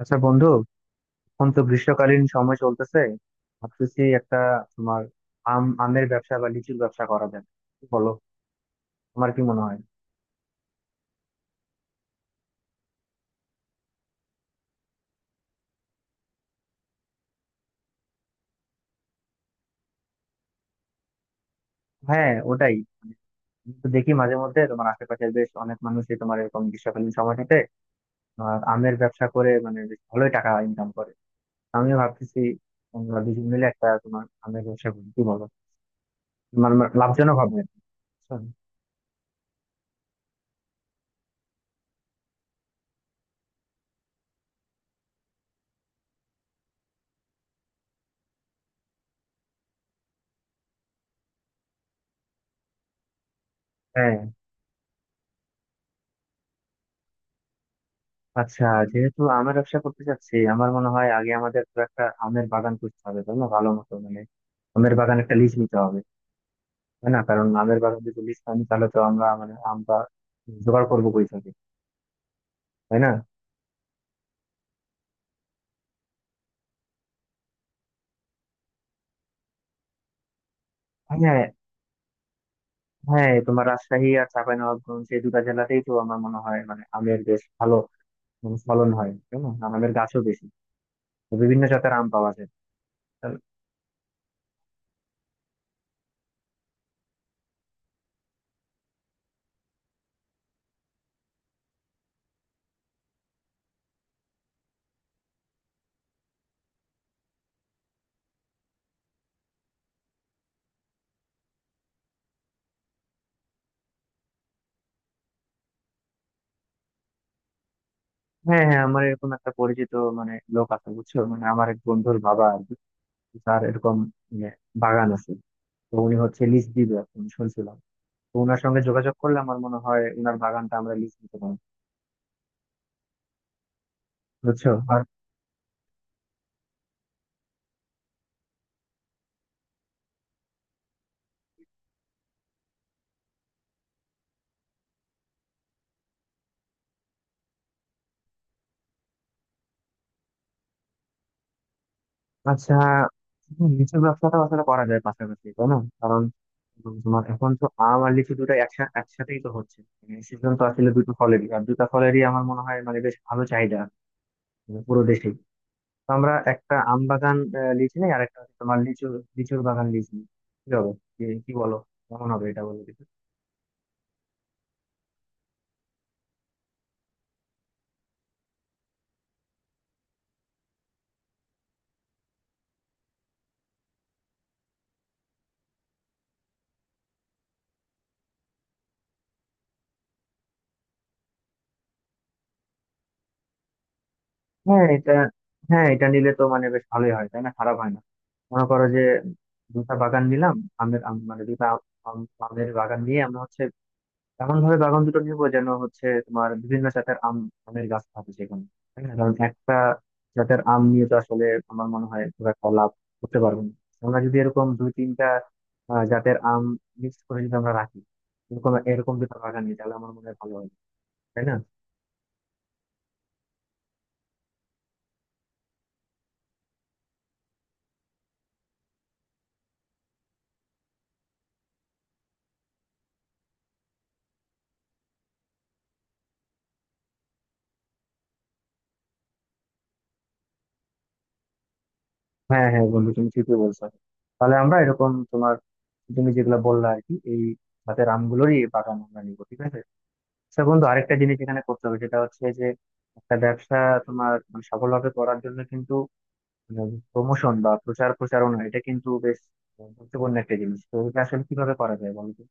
আচ্ছা বন্ধু, এখন তো গ্রীষ্মকালীন সময় চলতেছে। ভাবতেছি একটা তোমার আমের ব্যবসা বা লিচুর ব্যবসা করা যাবে, কি বলো? তোমার কি মনে হয়? হ্যাঁ, ওটাই, মানে আমি তো দেখি মাঝে মধ্যে তোমার আশেপাশের বেশ অনেক মানুষই তোমার এরকম গ্রীষ্মকালীন সময়টাতে তোমার আমের ব্যবসা করে, মানে বেশ ভালোই টাকা ইনকাম করে। আমিও ভাবতেছি আমরা দুজন মিলে একটা তোমার আমের ব্যবসা করি, কি বলো? তোমার লাভজনক হবে, বুঝছো? হ্যাঁ, আচ্ছা, যেহেতু আমের ব্যবসা করতে চাচ্ছি, আমার মনে হয় আগে আমাদের তো একটা আমের বাগান করতে হবে, তাই না? ভালো মতো, মানে আমের বাগান একটা লিজ নিতে হবে, তাই না? কারণ আমের বাগান যদি লিজ না নিই তাহলে তো আমরা মানে আমটা জোগাড় করবো কই থেকে, তাই না? হ্যাঁ হ্যাঁ, তোমার রাজশাহী আর চাঁপাইনবাবগঞ্জ এই দুটা জেলাতেই তো আমার মনে হয় মানে আমের বেশ ভালো মানে ফলন হয়, তাই না? আর আমের গাছও বেশি, তো বিভিন্ন জাতের আম পাওয়া যায়। তাহলে- হ্যাঁ হ্যাঁ, আমার এরকম একটা পরিচিত মানে লোক আছে, বুঝছো, মানে আমার এক বন্ধুর বাবা আর কি, তার এরকম মানে বাগান আছে। তো উনি হচ্ছে লিজ দিবে এখন শুনছিলাম, তো উনার সঙ্গে যোগাযোগ করলে আমার মনে হয় উনার বাগানটা আমরা লিজ দিতে পারি, বুঝছো। আর আচ্ছা, লিচুর ব্যবসাটা আসলে করা যায় পাশাপাশি, তাই না? কারণ তোমার এখন তো আম আর লিচু দুটো একসাথে একসাথেই তো হচ্ছে সিজন তো আসলে দুটো ফলেরই, আর দুটো ফলেরই আমার মনে হয় মানে বেশ ভালো চাহিদা, মানে পুরো দেশেই। তো আমরা একটা আম বাগান লিজ নিই, আর একটা হচ্ছে তোমার লিচু, লিচুর বাগান লিজ নিই, কি হবে? কি কি বলো, কেমন হবে, এটা বলো। হ্যাঁ এটা, হ্যাঁ এটা নিলে তো মানে বেশ ভালোই হয়, তাই না? খারাপ হয় না। মনে করো যে দুটা বাগান নিলাম, আমের আম মানে দুটা আমের বাগান নিয়ে আমরা হচ্ছে এমন ভাবে বাগান দুটো নিব যেন হচ্ছে তোমার বিভিন্ন জাতের আম, আমের গাছ থাকে সেখানে, তাই না? কারণ একটা জাতের আম নিয়ে তো আসলে আমার মনে হয় খুব একটা লাভ করতে পারবো না। আমরা যদি এরকম দুই তিনটা জাতের আম মিক্স করে যদি আমরা রাখি এরকম এরকম দুটো বাগান নিয়ে, তাহলে আমার মনে হয় ভালো হয়, তাই না? হ্যাঁ হ্যাঁ বন্ধু, তুমি ঠিকই বলছো। তাহলে আমরা এরকম তোমার, তুমি যেগুলো বললা আর কি এই হাতের আমগুলোরই বাগান আমরা নিবো, ঠিক আছে। আচ্ছা বন্ধু, আরেকটা জিনিস এখানে করতে হবে সেটা হচ্ছে যে একটা ব্যবসা তোমার মানে সফলভাবে করার জন্য কিন্তু প্রমোশন বা প্রচার প্রচারণা, এটা কিন্তু বেশ গুরুত্বপূর্ণ একটা জিনিস। তো এটা আসলে কিভাবে করা যায় বলতো?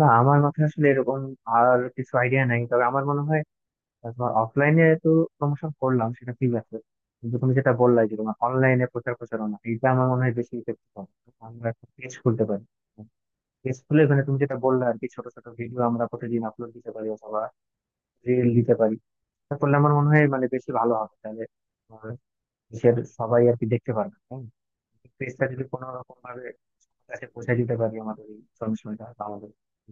না, আমার মাথায় আসলে এরকম আর কিছু আইডিয়া নাই, তবে আমার মনে হয় তোমার অফলাইনে তো প্রমোশন করলাম, সেটা ঠিক আছে, কিন্তু তুমি যেটা বললে যে তোমার অনলাইনে প্রচার প্রচারণা, এটা আমার মনে হয় বেশি ইফেক্টিভ হবে। আমরা একটা পেজ খুলতে পারি, পেজ খুলে ওখানে তুমি যেটা বললে আর কি ছোট ছোট ভিডিও আমরা প্রতিদিন আপলোড দিতে পারি, অথবা রিল দিতে পারি। এটা করলে আমার মনে হয় মানে বেশি ভালো হবে। তাহলে আহ, দেশের সবাই আর কি দেখতে পারবে, তাই না? পেজটা যদি কোনো রকম ভাবে সবার কাছে পৌঁছে দিতে পারি আমাদের এই ইনফরমেশনটা, আমাদের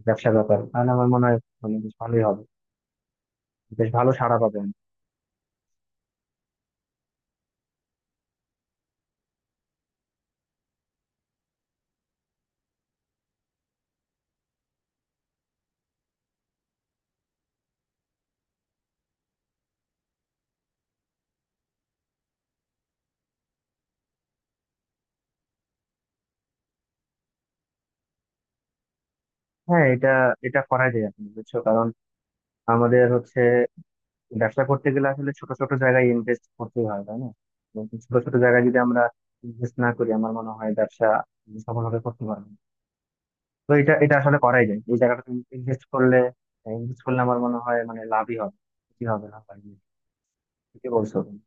ব্যবসা ব্যাপার, তাহলে আমার মনে হয় মানে বেশ ভালোই হবে, বেশ ভালো সাড়া পাবে। হ্যাঁ, এটা এটা করা যায় আপনি, বুঝছো, কারণ আমাদের হচ্ছে ব্যবসা করতে গেলে আসলে ছোট ছোট জায়গায় ইনভেস্ট করতে হয়, তাই না? এবং ছোট ছোট জায়গায় যদি আমরা ইনভেস্ট না করি, আমার মনে হয় ব্যবসা সফলভাবে করতে পারবো না। তো এটা এটা আসলে করাই যায়, এই জায়গাটা ইনভেস্ট করলে, ইনভেস্ট করলে আমার মনে হয় মানে লাভই হবে, কি হবে না হবে। ঠিকই বলছো তুমি।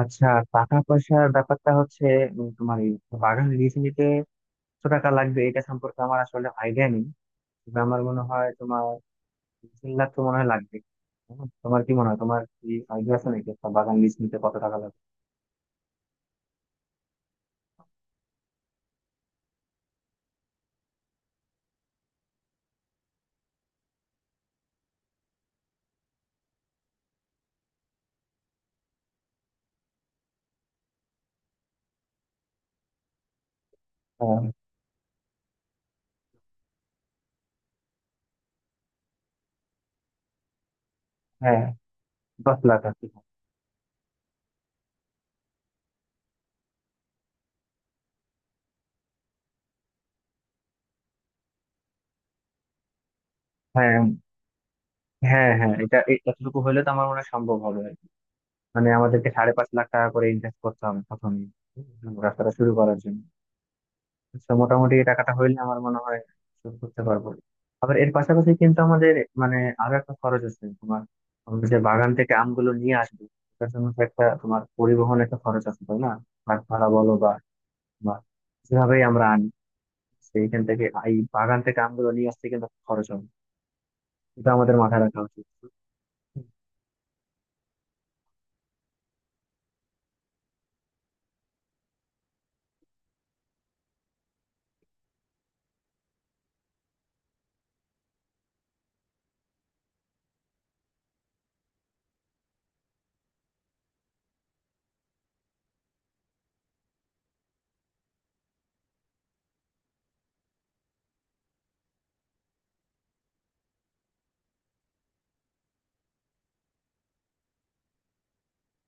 আচ্ছা, টাকা পয়সার ব্যাপারটা হচ্ছে তোমার এই বাগান লিজ নিতে কত টাকা লাগবে এটা সম্পর্কে আমার আসলে আইডিয়া নেই, তবে আমার মনে হয় 3 লাখ তো মনে হয় লাগবে। তোমার কি মনে হয়, তোমার কি আইডিয়া আছে নাকি একটা বাগান লিজ নিতে কত টাকা লাগবে? হ্যাঁ হ্যাঁ, 10 লাখ আর কি। হ্যাঁ হ্যাঁ হ্যাঁ, এটা এতটুকু হইলে তো আমার মনে হয় সম্ভব হবে আর কি। মানে আমাদেরকে 5.5 লাখ টাকা করে ইনভেস্ট করতে হবে প্রথমে, রাস্তাটা শুরু করার জন্য। তো মোটামুটি এই টাকাটা হইলে আমার মনে হয় শুরু করতে পারবো। আবার এর পাশাপাশি কিন্তু আমাদের মানে আরো একটা খরচ আছে, তোমার আমরা যে বাগান থেকে আমগুলো নিয়ে আসবো তার জন্য তো একটা তোমার পরিবহন একটা খরচ আছে, তাই না? বাস ভাড়া বলো, বা যেভাবেই আমরা আনি সেইখান থেকে, এই বাগান থেকে আমগুলো নিয়ে আসতে কিন্তু একটা খরচ হবে, এটা আমাদের মাথায় রাখা উচিত।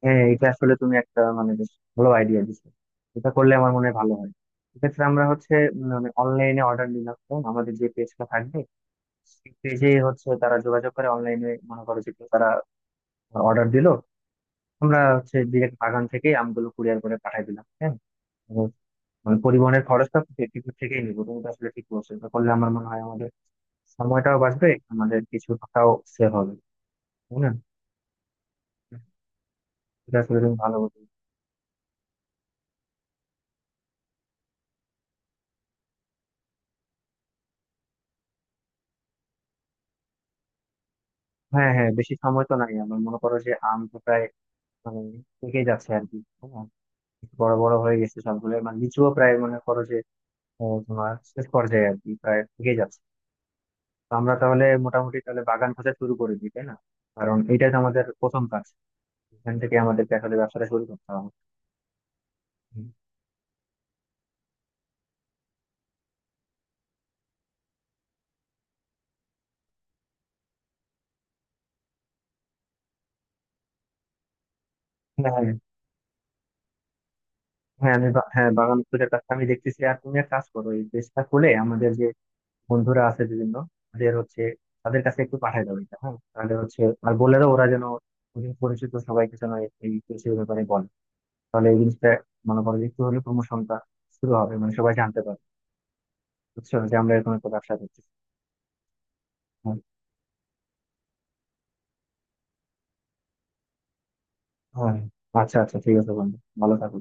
হ্যাঁ এটা আসলে তুমি একটা মানে বেশ ভালো আইডিয়া দিছো। এটা করলে আমার মনে হয় ভালো হয়। এক্ষেত্রে আমরা হচ্ছে মানে অনলাইনে অর্ডার নিলাম, তখন আমাদের যে পেজটা থাকবে সেই পেজে হচ্ছে তারা যোগাযোগ করে অনলাইনে মনে করো যে তারা অর্ডার দিলো, আমরা হচ্ছে ডিরেক্ট বাগান থেকে আমগুলো কুরিয়ার করে পাঠাই দিলাম, হ্যাঁ। তো মানে পরিবহনের খরচটা পেটিকুট থেকেই নিবো, তুমি তো আসলে ঠিক বলছো। এটা করলে আমার মনে হয় আমাদের সময়টাও বাঁচবে, আমাদের কিছু টাকাও সেভ হবে, তাই না? এটা আসলে তুমি ভালো বলছো। হ্যাঁ হ্যাঁ, বেশি সময় তো নাই। আমার মনে করো যে আম তো প্রায় মানে পেকেই যাচ্ছে আর কি, তাই না? বড় বড় হয়ে গেছে সবগুলো, মানে লিচুও প্রায় মনে করো যে তোমার শেষ পর্যায়ে আর কি, প্রায় পেকে যাচ্ছে। তো আমরা তাহলে মোটামুটি তাহলে বাগান খোঁজা শুরু করে দিই, তাই না? কারণ এটাই তো আমাদের প্রথম কাজ, এখান থেকে আমাদেরকে আসলে ব্যবসাটা শুরু করতে হবে। হ্যাঁ হ্যাঁ, হ্যাঁ, আমি হ্যাঁ, বাগান খোঁজার কাজটা আমি দেখতেছি, আর তুমি এক কাজ করো, এই পেজটা খুলে আমাদের যে বন্ধুরা আছে বিভিন্ন, ওদের হচ্ছে তাদের কাছে একটু পাঠায় দাও এটা। হ্যাঁ তাহলে হচ্ছে, আর বলে দাও ওরা যেন ওদের পরিচিত সবাইকে যেন এই এই বিষয়ের ব্যাপারে বলে, তাহলে এই জিনিসটা মনে করো যে একটু হলে প্রমোশনটা শুরু হবে, মানে সবাই জানতে পারবে, বুঝছো, যে আমরা এরকম একটা ব্যবসা করছি। হ্যাঁ, হ্যাঁ আচ্ছা, আচ্ছা ঠিক আছে বন্ধু, ভালো থাকো।